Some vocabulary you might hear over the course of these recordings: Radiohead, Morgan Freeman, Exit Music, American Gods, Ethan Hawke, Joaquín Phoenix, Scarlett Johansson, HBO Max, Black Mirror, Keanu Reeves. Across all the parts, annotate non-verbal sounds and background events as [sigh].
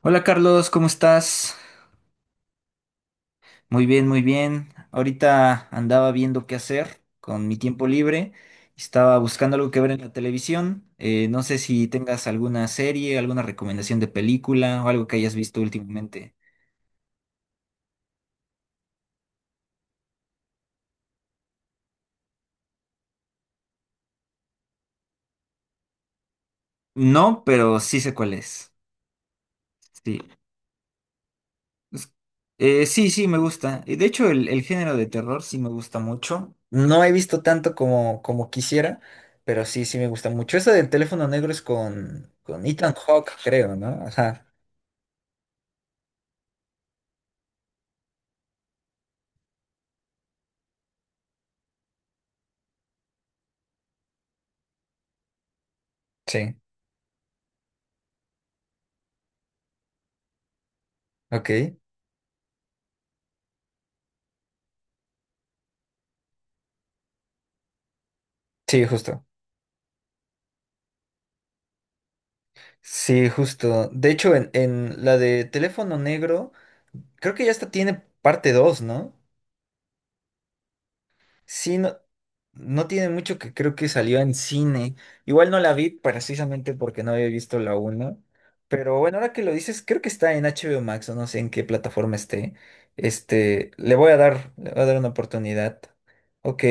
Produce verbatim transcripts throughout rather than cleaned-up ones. Hola Carlos, ¿cómo estás? Muy bien, muy bien. Ahorita andaba viendo qué hacer con mi tiempo libre. Estaba buscando algo que ver en la televisión. Eh, no sé si tengas alguna serie, alguna recomendación de película o algo que hayas visto últimamente. No, pero sí sé cuál es. Sí. Es- eh, sí, sí, me gusta. Y de hecho, el, el género de terror sí me gusta mucho. No he visto tanto como, como quisiera, pero sí, sí me gusta mucho. Eso del teléfono negro es con, con Ethan Hawke, creo, ¿no? Ajá. Sí. Ok. Sí, justo. Sí, justo. De hecho, en, en la de teléfono negro, creo que ya hasta tiene parte dos, ¿no? Sí, no, no tiene mucho que creo que salió en cine. Igual no la vi precisamente porque no había visto la una. Pero bueno, ahora que lo dices, creo que está en H B O Max o no sé en qué plataforma esté. Este, le voy a dar, le voy a dar una oportunidad. Ok.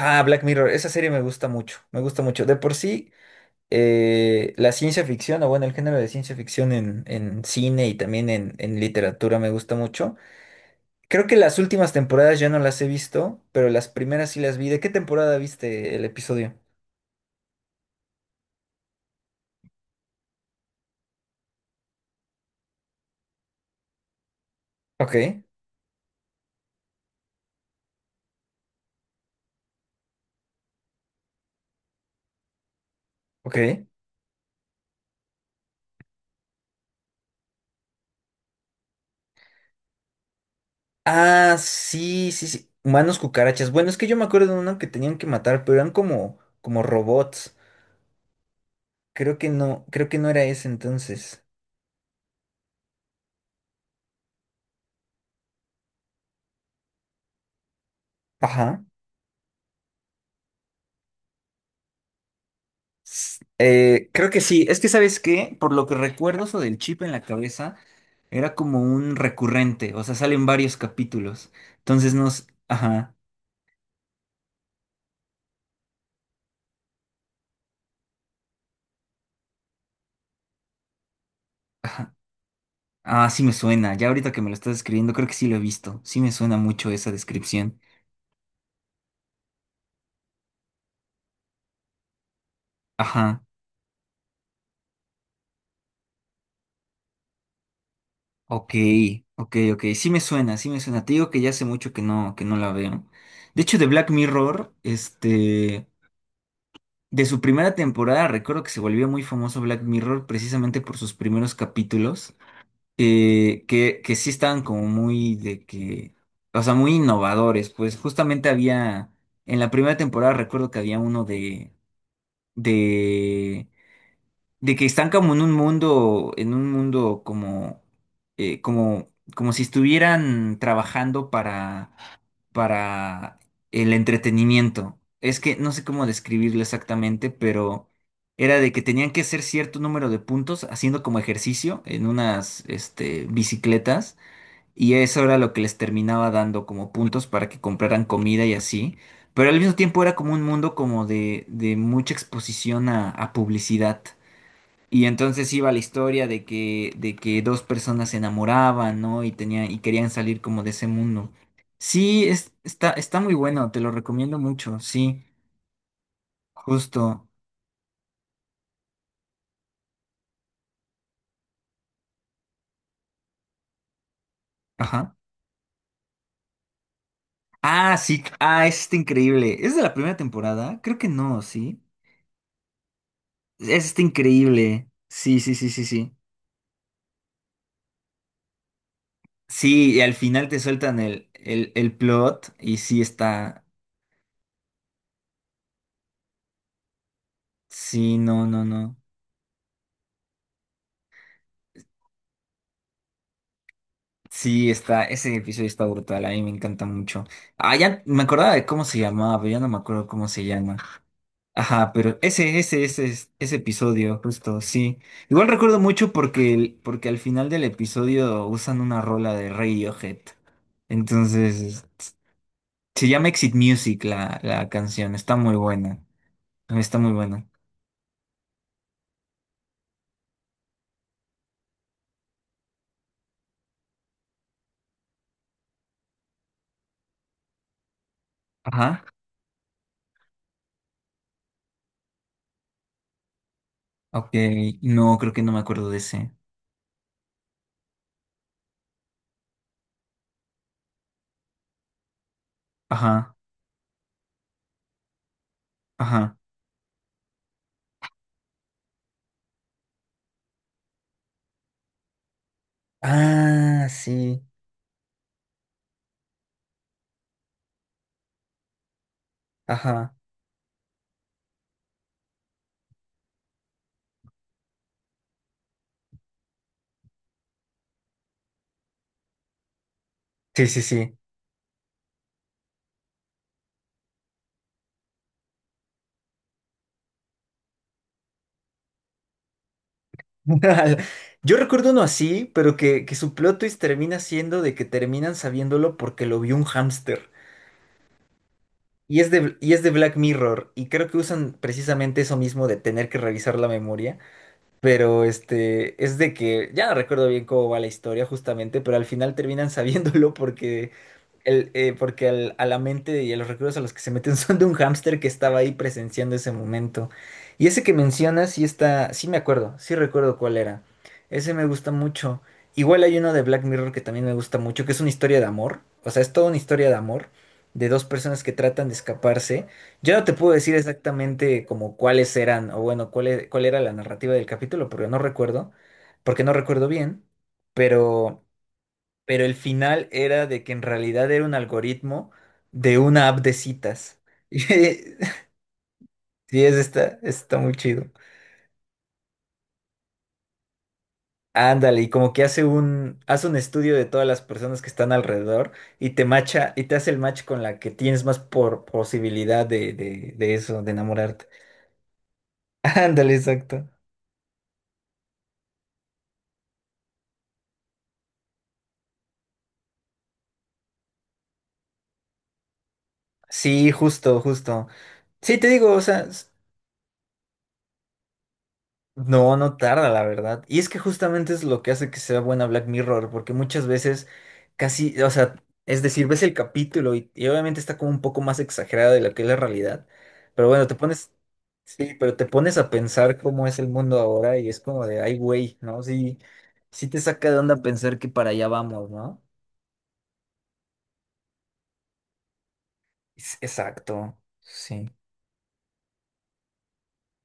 Ah, Black Mirror, esa serie me gusta mucho, me gusta mucho. De por sí, eh, la ciencia ficción, o bueno, el género de ciencia ficción en, en cine y también en, en literatura me gusta mucho. Creo que las últimas temporadas ya no las he visto, pero las primeras sí las vi. ¿De qué temporada viste el episodio? Ok, ok. Ah, sí, sí, sí. Humanos cucarachas. Bueno, es que yo me acuerdo de uno que tenían que matar, pero eran como, como robots. Creo que no, creo que no era ese entonces. Ajá. S- eh, creo que sí. Es que, ¿sabes qué? Por lo que recuerdo, eso del chip en la cabeza era como un recurrente. O sea, salen varios capítulos. Entonces nos. Ajá. Ajá. Ah, sí me suena. Ya ahorita que me lo estás escribiendo, creo que sí lo he visto. Sí me suena mucho esa descripción. Ajá. Ok, ok, ok. Sí me suena, sí me suena. Te digo que ya hace mucho que no, que no la veo. De hecho, de Black Mirror, este, de su primera temporada, recuerdo que se volvió muy famoso Black Mirror precisamente por sus primeros capítulos, eh, que, que sí estaban como muy de que, o sea, muy innovadores. Pues justamente había, en la primera temporada recuerdo que había uno de, de de que están como en un mundo, en un mundo como, eh, como, como si estuvieran trabajando para, para el entretenimiento. Es que no sé cómo describirlo exactamente, pero era de que tenían que hacer cierto número de puntos haciendo como ejercicio en unas, este, bicicletas. Y eso era lo que les terminaba dando como puntos para que compraran comida y así. Pero al mismo tiempo era como un mundo como de, de mucha exposición a a publicidad. Y entonces iba la historia de que, de que dos personas se enamoraban, ¿no? Y tenían, y querían salir como de ese mundo. Sí, es, está, está muy bueno, te lo recomiendo mucho, sí, justo. Ajá. Ah, sí, ah, es este increíble. ¿Es de la primera temporada? Creo que no, sí. Es este increíble. Sí, sí, sí, sí, sí. Sí, y al final te sueltan el, el, el plot y sí está. Sí, no, no, no. Sí, está, ese episodio está brutal, a mí me encanta mucho. Ah, ya me acordaba de cómo se llamaba, pero ya no me acuerdo cómo se llama. Ajá, pero ese, ese, ese, es- ese episodio, justo, sí. Igual recuerdo mucho porque, el- porque al final del episodio usan una rola de Radiohead. Entonces, es- se llama Exit Music la, la canción, está muy buena. Está muy buena. Ajá, ok, no, creo que no me acuerdo de ese. Ajá, ajá. Ah, sí, ajá. Sí, sí, sí. [laughs] Yo recuerdo uno así, pero que, que su plot twist termina siendo de que terminan sabiéndolo porque lo vio un hámster. Y es de, y es de Black Mirror, y creo que usan precisamente eso mismo de tener que revisar la memoria. Pero este, es de que ya no recuerdo bien cómo va la historia justamente, pero al final terminan [laughs] sabiéndolo porque, el, eh, porque al- a la mente y a los recuerdos a los que se meten [laughs] son de un hámster que estaba ahí presenciando ese momento. Y ese que mencionas, sí está, sí me acuerdo, sí recuerdo cuál era. Ese me gusta mucho. Igual hay uno de Black Mirror que también me gusta mucho, que es una historia de amor. O sea, es toda una historia de amor de dos personas que tratan de escaparse. Yo no te puedo decir exactamente como cuáles eran, o bueno, cuál, e- cuál era la narrativa del capítulo, porque no recuerdo, porque no recuerdo bien, pero, pero el final era de que en realidad era un algoritmo de una app de citas. [laughs] Y- Sí, es está, está muy chido. Ándale, y como que hace un, hace un estudio de todas las personas que están alrededor y te macha, y te hace el match con la que tienes más por posibilidad de, de, de eso, de enamorarte. [laughs] Ándale, exacto. Sí, justo, justo. Sí, te digo, o sea, s- no, no tarda, la verdad. Y es que justamente es lo que hace que sea buena Black Mirror, porque muchas veces casi, o sea, es decir, ves el capítulo y, y obviamente está como un poco más exagerada de lo que es la realidad, pero bueno, te pones, sí, pero te pones a pensar cómo es el mundo ahora y es como de, ay, güey, ¿no? Sí, sí te saca de onda pensar que para allá vamos, ¿no? Es- Exacto, sí,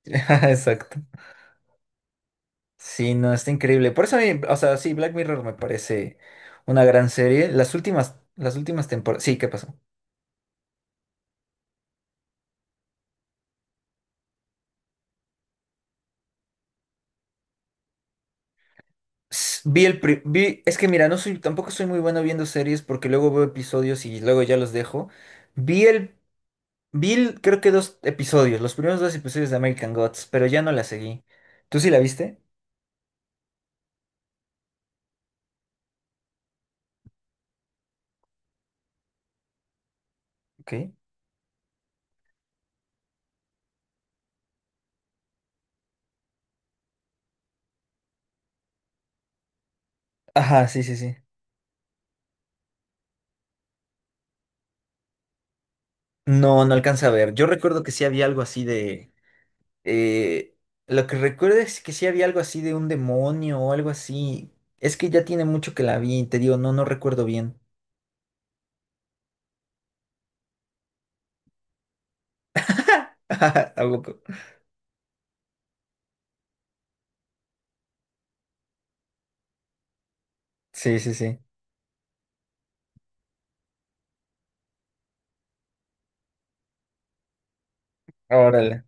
[laughs] exacto. Sí, no, está increíble. Por eso a mí, o sea, sí, Black Mirror me parece una gran serie. Las últimas, las últimas temporadas. Sí, ¿qué pasó? S- Vi el pri- vi, es que mira, no soy, tampoco soy muy bueno viendo series porque luego veo episodios y luego ya los dejo. Vi el, vi el- creo que dos episodios, los primeros dos episodios de American Gods, pero ya no la seguí. ¿Tú sí la viste? Ok. Ajá, sí, sí, sí. No, no alcanza a ver. Yo recuerdo que sí había algo así de. Eh, lo que recuerdo es que sí había algo así de un demonio o algo así. Es que ya tiene mucho que la vi y te digo, no, no recuerdo bien. [laughs] ¿A poco? Sí, sí, sí. Órale.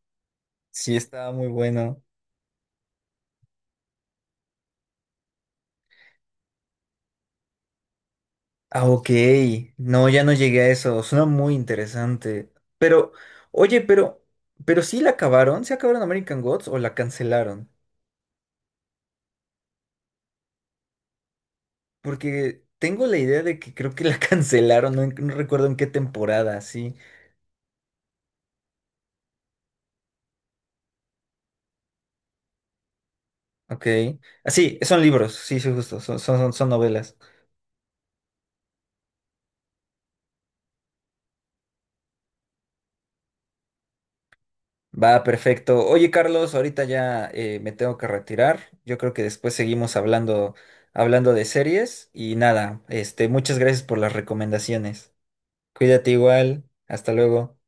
Sí, estaba muy bueno. Ah, ok. No, ya no llegué a eso. Suena muy interesante. Pero, oye, pero, pero sí la acabaron. ¿Se acabaron American Gods o la cancelaron? Porque tengo la idea de que creo que la [laughs] cancelaron. No, en- no recuerdo en qué temporada, sí. Ok. Ah, sí, son libros, sí, sí, justo, son, son, son son novelas. Va, perfecto. Oye, Carlos, ahorita ya eh, me tengo que retirar. Yo creo que después seguimos hablando, hablando de series y nada, este, muchas gracias por las recomendaciones. Cuídate igual, hasta luego.